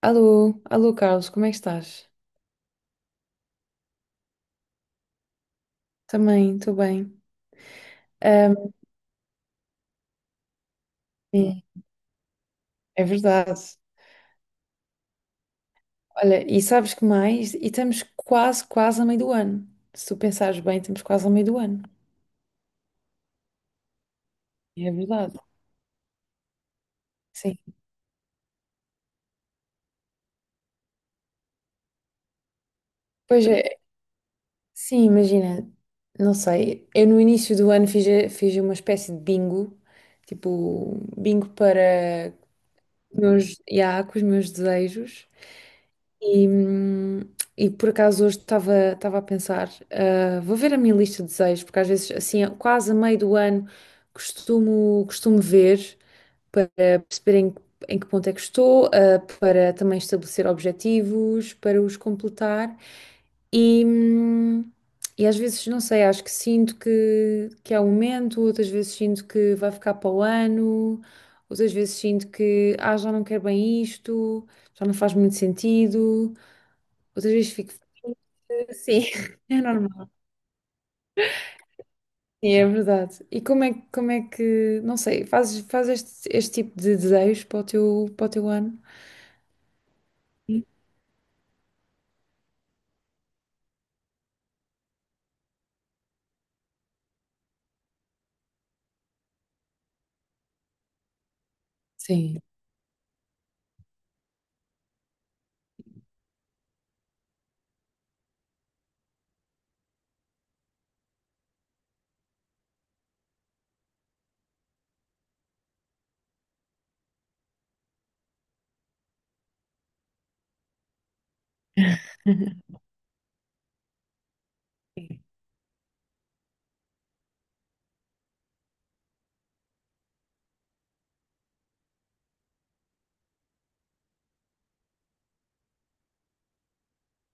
Alô, alô Carlos, como é que estás? Também, estou bem. Ahm, sim, é verdade. Olha, e sabes que mais? E estamos quase, quase a meio do ano. Se tu pensares bem, estamos quase a meio do ano. É verdade, sim. Pois é, sim, imagina, não sei, eu no início do ano fiz uma espécie de bingo, tipo, bingo yeah, com os meus desejos. E, hum, e por acaso hoje estava a pensar, ah, vou ver a minha lista de desejos, porque às vezes, assim, quase a meio do ano, costumo ver para perceber em que ponto é que estou, ah, para também estabelecer objetivos, para os completar. E, hum, e às vezes, não sei, acho que sinto que é o momento, outras vezes sinto que vai ficar para o ano, outras vezes sinto que, ah, já não quero bem isto, já não faz muito sentido. Outras vezes fico. Sim. É normal. Sim, é verdade. E como é que, não sei, fazes este tipo de desejos para o teu ano? Sim,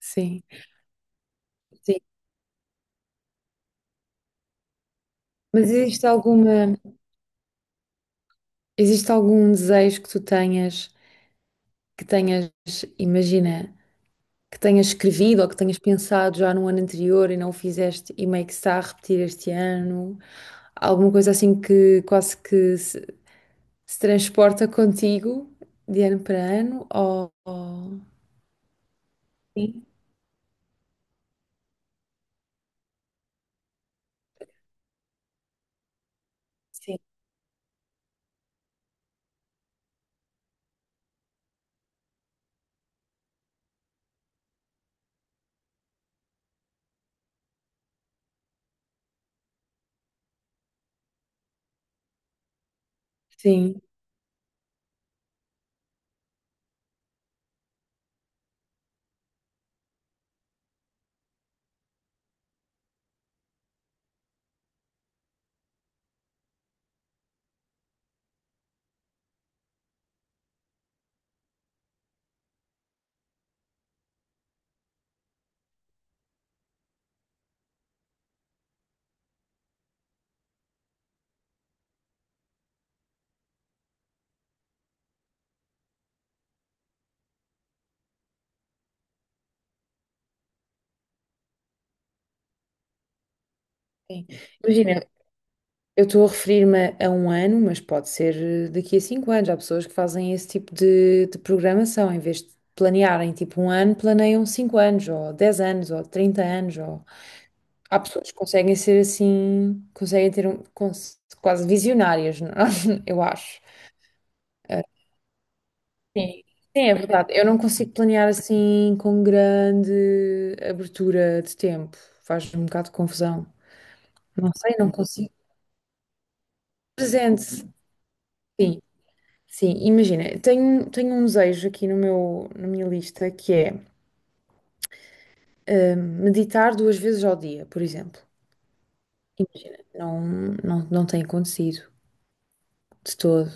sim, sim. Mas existe algum desejo que tu tenhas, que tenhas, imagina, que tenhas escrevido ou que tenhas pensado já no ano anterior e não o fizeste e meio que se está a repetir este ano? Alguma coisa assim que quase que se transporta contigo de ano para ano? Ou. Sim, sim, sim. Sim. Imagina, eu estou a referir-me a um ano, mas pode ser daqui a 5 anos. Há pessoas que fazem esse tipo de programação, em vez de planearem tipo um ano, planeiam 5 anos, ou 10 anos, ou 30 anos. Ou. Há pessoas que conseguem ser assim, conseguem quase visionárias, não? Eu acho. Ah, sim, sim, é verdade. Eu não consigo planear assim com grande abertura de tempo. Faz um bocado de confusão. Não sei, não consigo. Presente, sim, sim, imagina, tenho um desejo aqui no meu, na minha lista que é meditar 2 vezes ao dia, por exemplo. Imagina, não, não, não tem acontecido de todo,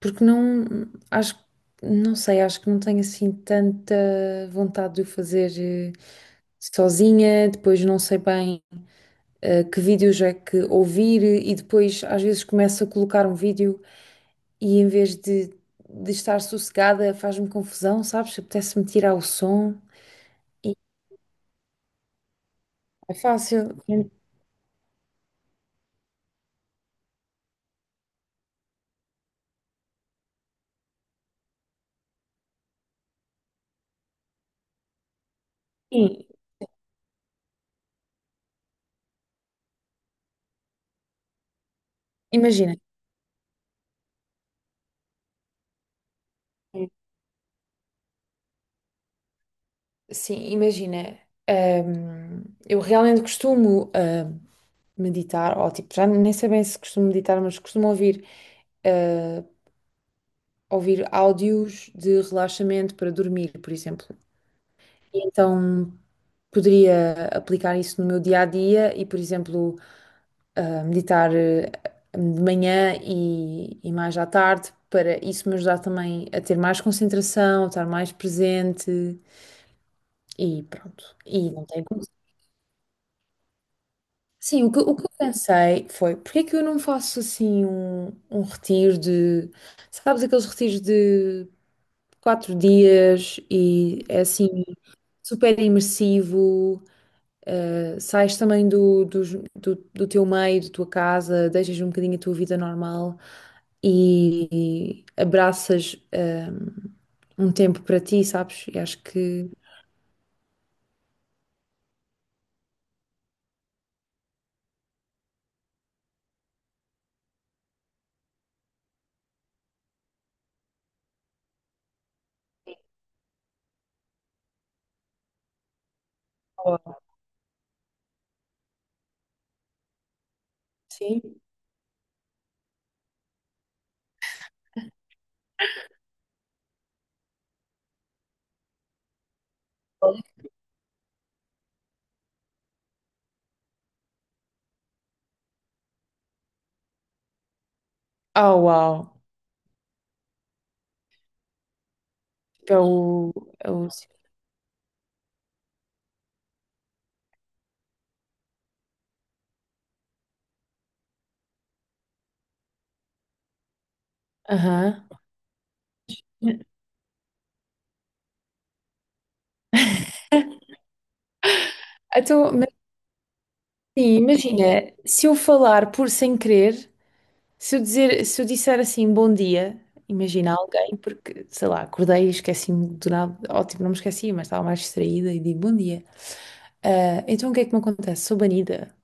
porque não, acho, não sei, acho que não tenho assim tanta vontade de o fazer sozinha, depois não sei bem que vídeos é que ouvir e depois às vezes começo a colocar um vídeo e em vez de estar sossegada, faz-me confusão, sabes? Apetece-me tirar o som e é fácil. Sim, imagina. Sim, imagina. Eu realmente costumo meditar, ou tipo, já nem sei bem se costumo meditar, mas costumo hum, ouvir áudios de relaxamento para dormir, por exemplo. E então poderia aplicar isso no meu dia a dia e, por exemplo, a meditar de manhã e mais à tarde, para isso me ajudar também a ter mais concentração, a estar mais presente e pronto. E não tem como. Sim, o que eu pensei foi, porque é que eu não faço assim um retiro de, sabes, aqueles retiros de 4 dias e é assim super imersivo, sais também do teu meio, da tua casa, deixas um bocadinho a tua vida normal e, abraças um tempo para ti, sabes? E acho que sim. Oh, uau! É o. É o. Aham. Então, mas sim, imagina, se eu falar por sem querer, se eu disser assim bom dia, imagina a alguém, porque sei lá, acordei e esqueci-me do nada, ótimo, não me esqueci, mas estava mais distraída e digo bom dia. Ah, então o que é que me acontece? Sou banida.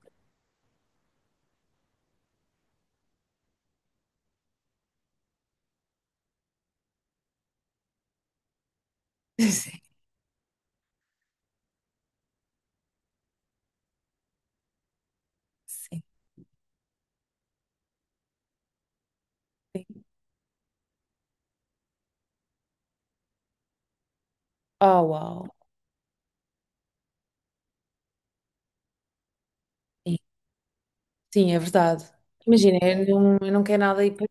Sim, sim. Oh, uau. Sim, sim, é verdade. Imagina, eu não quero nada ir para.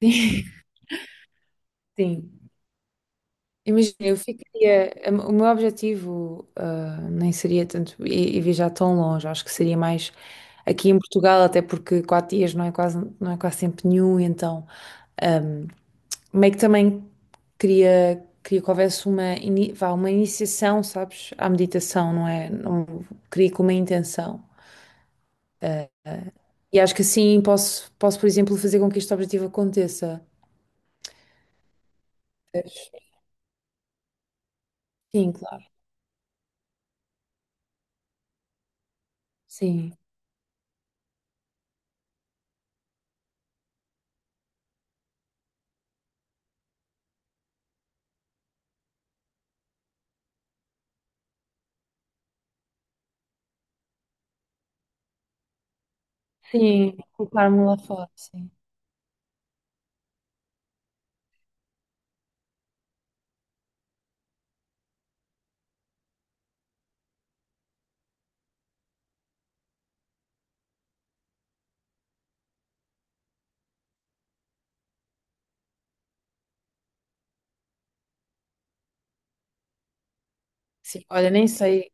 Sim. Imagina, eu ficaria. O meu objetivo, ah, nem seria tanto ir viajar tão longe. Acho que seria mais aqui em Portugal, até porque 4 dias não é quase tempo nenhum. Então, meio que também queria que houvesse vá, uma iniciação, sabes, à meditação, não é? Não, queria com uma intenção. E acho que assim posso, por exemplo, fazer com que este objetivo aconteça. Pois. Sim, claro. Sim. Sim, colocar-me lá fora, sim. Sim, olha, nem sei,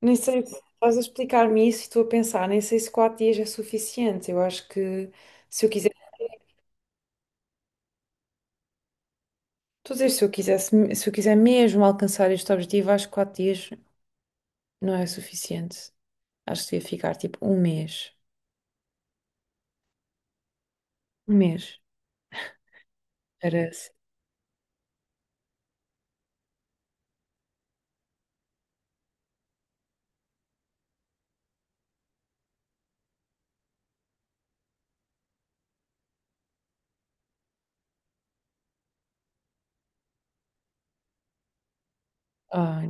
nem sei, se estás a explicar-me isso e estou a pensar, nem sei se 4 dias é suficiente. Eu acho que se eu quiser, estou a dizer, se eu quiser mesmo alcançar este objetivo, acho que 4 dias não é suficiente. Acho que devia ficar tipo um mês. Um mês. Parece. Ai,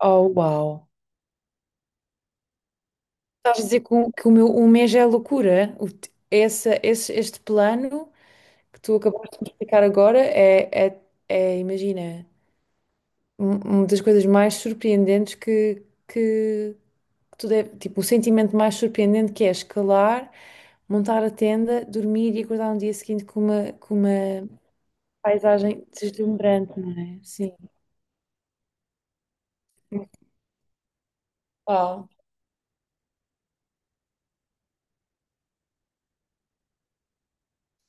oh, uau. Estás a dizer que o meu um mês é loucura. O te- essa- esse- este plano que tu acabaste de me explicar agora imagina, uma das coisas mais surpreendentes que, que tu deve, tipo, o sentimento mais surpreendente que é escalar, montar a tenda, dormir e acordar no dia seguinte com uma paisagem deslumbrante, não é? Sim. Uau,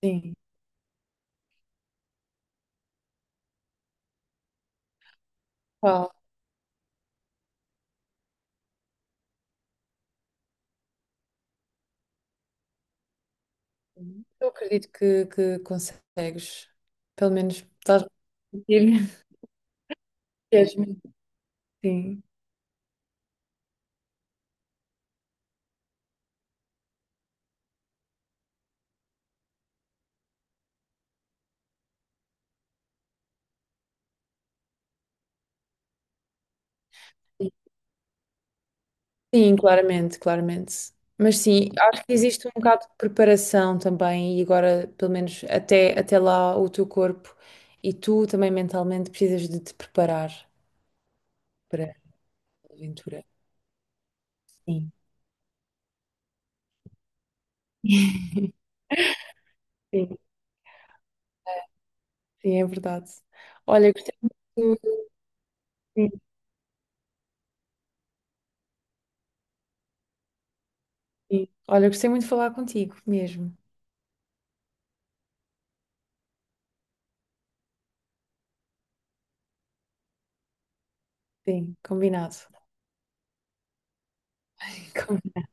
sim, uau. Eu acredito que consegues. Pelo menos estás a conseguir. Jasmine, sim, sim, claramente, claramente. Mas sim, acho que existe um bocado de preparação também, e agora, pelo menos até lá, o teu corpo e tu também mentalmente precisas de te preparar para a aventura. Sim. Sim, sim, é verdade. Olha, gostei muito, sim, sim. Olha, gostei muito de falar contigo mesmo. Sim, combinado. Combinado.